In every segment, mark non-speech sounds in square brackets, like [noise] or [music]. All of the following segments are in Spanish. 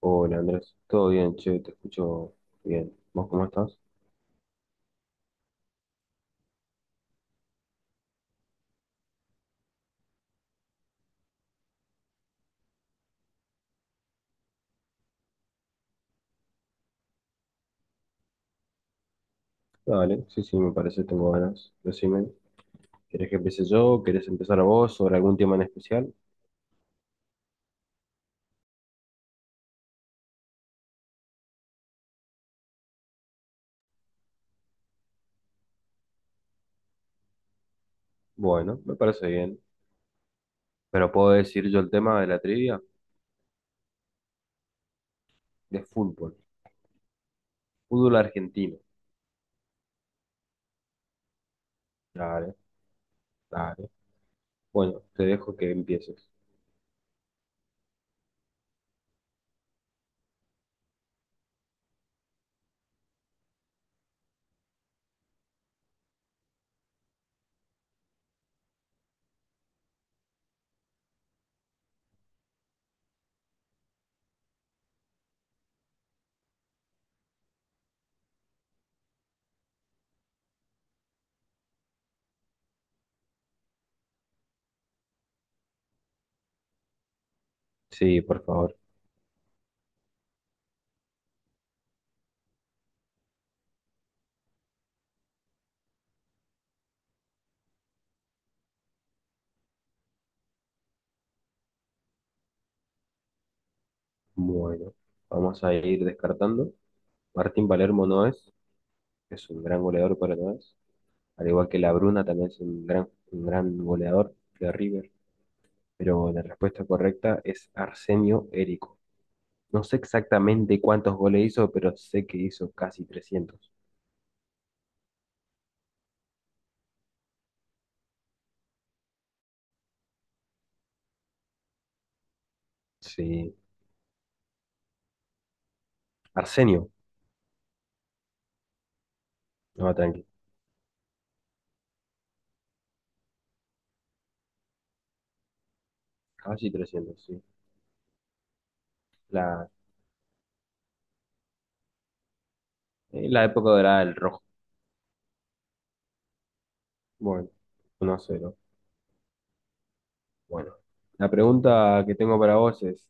Hola Andrés, todo bien, che, te escucho bien. ¿Vos cómo estás? Dale, sí, sí, me parece, tengo ganas. Decime, ¿querés que empiece yo? ¿Querés empezar vos sobre algún tema en especial? Bueno, me parece bien. Pero puedo decir yo el tema de la trivia de fútbol, fútbol argentino. Dale, dale. Bueno, te dejo que empieces. Sí, por favor. Bueno, vamos a ir descartando. Martín Palermo no es, es un gran goleador, pero no es. Al igual que La Bruna también es un gran goleador de River, pero la respuesta correcta es Arsenio Érico. No sé exactamente cuántos goles hizo, pero sé que hizo casi trescientos. Sí, Arsenio, no, tranqui, casi 300 sí. La, la época dorada del rojo. Bueno, 1-0. Bueno, la pregunta que tengo para vos es,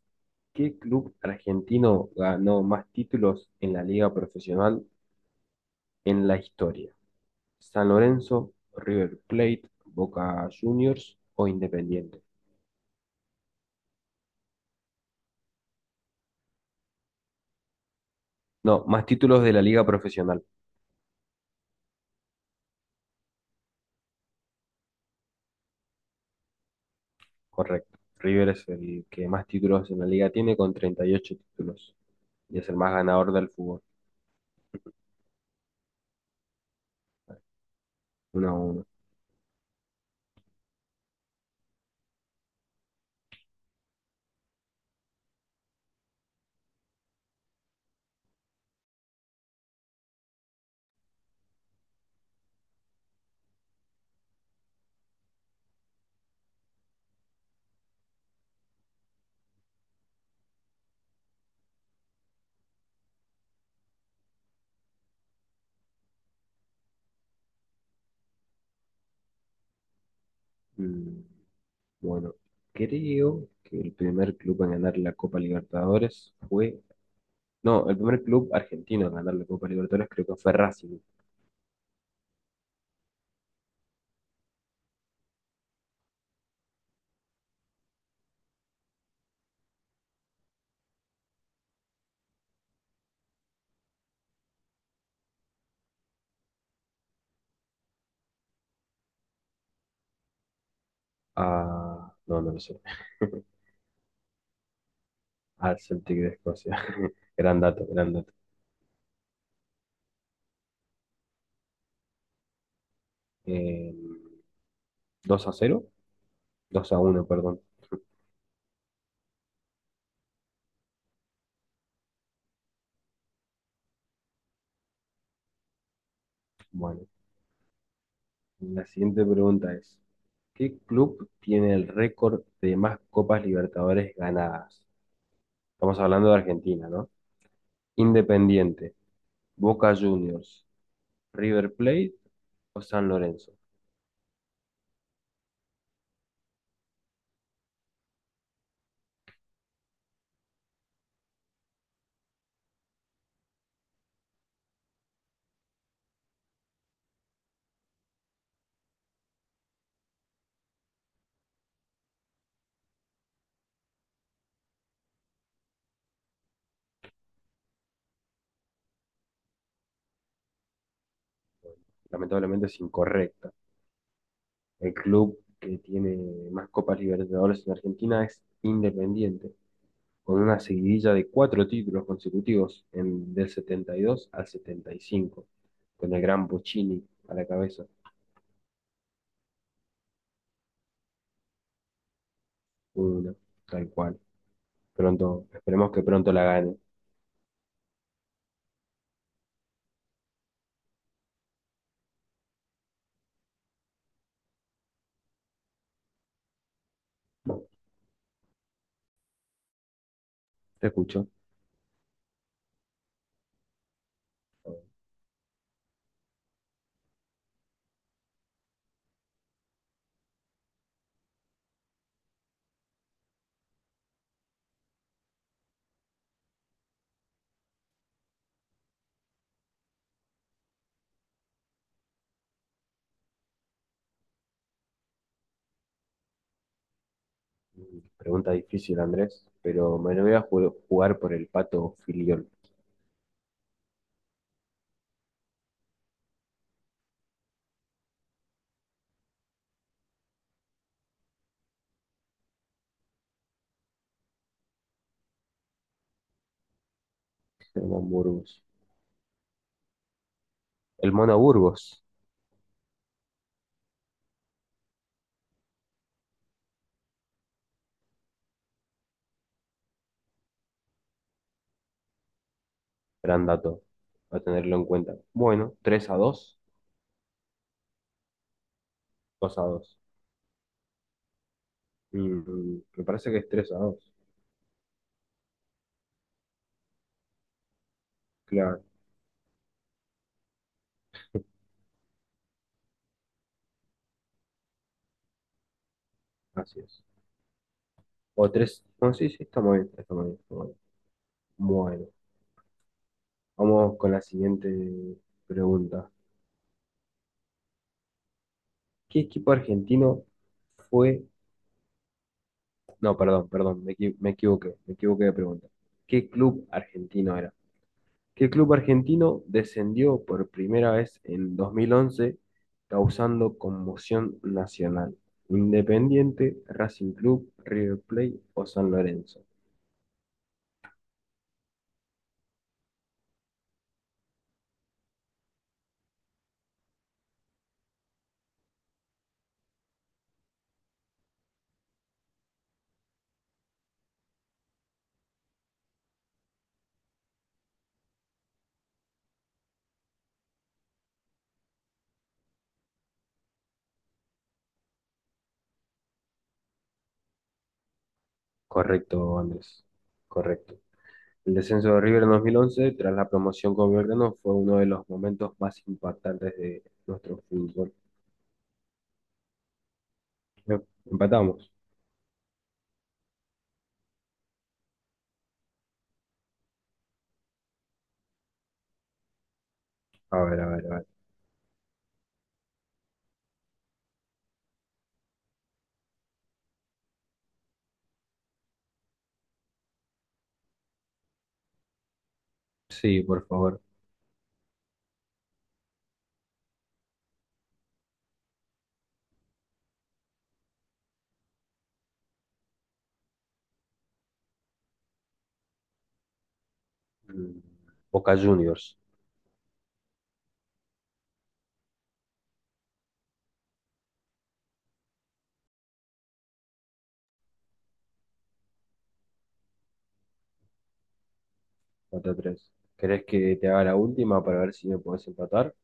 ¿qué club argentino ganó más títulos en la liga profesional en la historia? ¿San Lorenzo, River Plate, Boca Juniors o Independiente? No, más títulos de la liga profesional, correcto. River es el que más títulos en la liga tiene con 38 títulos y es el más ganador del fútbol, uno a uno. Mm, bueno, creo que el primer club en ganar la Copa Libertadores fue... No, el primer club argentino en ganar la Copa Libertadores creo que fue Racing. Ah, no, no lo sé. Al Celtic de Escocia. [laughs] Gran dato, gran dato. Eh, 2 a cero, dos a uno, perdón. Bueno. La siguiente pregunta es, ¿qué club tiene el récord de más Copas Libertadores ganadas? Estamos hablando de Argentina, ¿no? Independiente, Boca Juniors, River Plate o San Lorenzo. Lamentablemente es incorrecta. El club que tiene más Copas Libertadores en Argentina es Independiente, con una seguidilla de cuatro títulos consecutivos en, del 72 al 75, con el gran Bochini a la cabeza. Uno, tal cual. Pronto, esperemos que pronto la gane. Te escucho. Pregunta difícil, Andrés, pero me lo voy a jugar por el Pato Filiol. [laughs] El Mono Burgos. El Mono Burgos, gran dato, a tenerlo en cuenta. Bueno, 3 a dos. Dos a dos. Mm, me parece que es 3 a dos, claro, así es. O 3 no, sí, sí, está muy bien, está muy bien, está muy bien. Bueno, vamos con la siguiente pregunta. ¿Qué equipo argentino fue... No, perdón, perdón, me, me equivoqué de pregunta. ¿Qué club argentino era? ¿Qué club argentino descendió por primera vez en 2011 causando conmoción nacional? Independiente, Racing Club, River Plate o San Lorenzo. Correcto, Andrés, correcto. El descenso de River en 2011 tras la promoción con Belgrano fue uno de los momentos más impactantes de nuestro fútbol. Em- Empatamos. A ver, a ver, a ver. Sí, por favor. Mm. Boca Juniors, 4 tres. ¿Querés que te haga la última para ver si me podés empatar?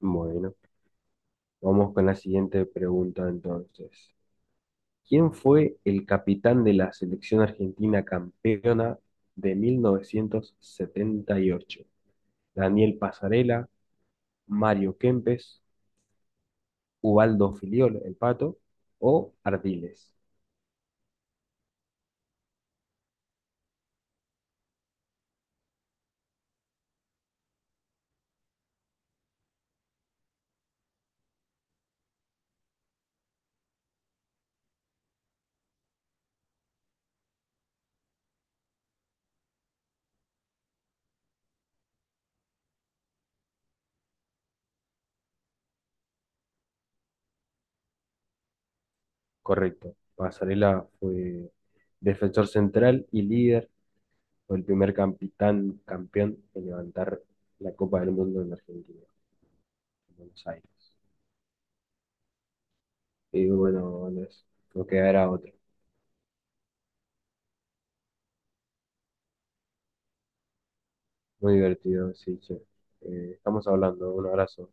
Bueno, vamos con la siguiente pregunta entonces. ¿Quién fue el capitán de la selección argentina campeona de 1978? ¿Daniel Pasarela, Mario Kempes, Ubaldo Filiol, el Pato o Ardiles? Correcto. Pasarela fue defensor central y líder. Fue el primer capitán campeón en levantar la Copa del Mundo en Argentina, en Buenos Aires. Y bueno, Andrés, nos quedará otro. Muy divertido, sí, che. Estamos hablando. Un abrazo.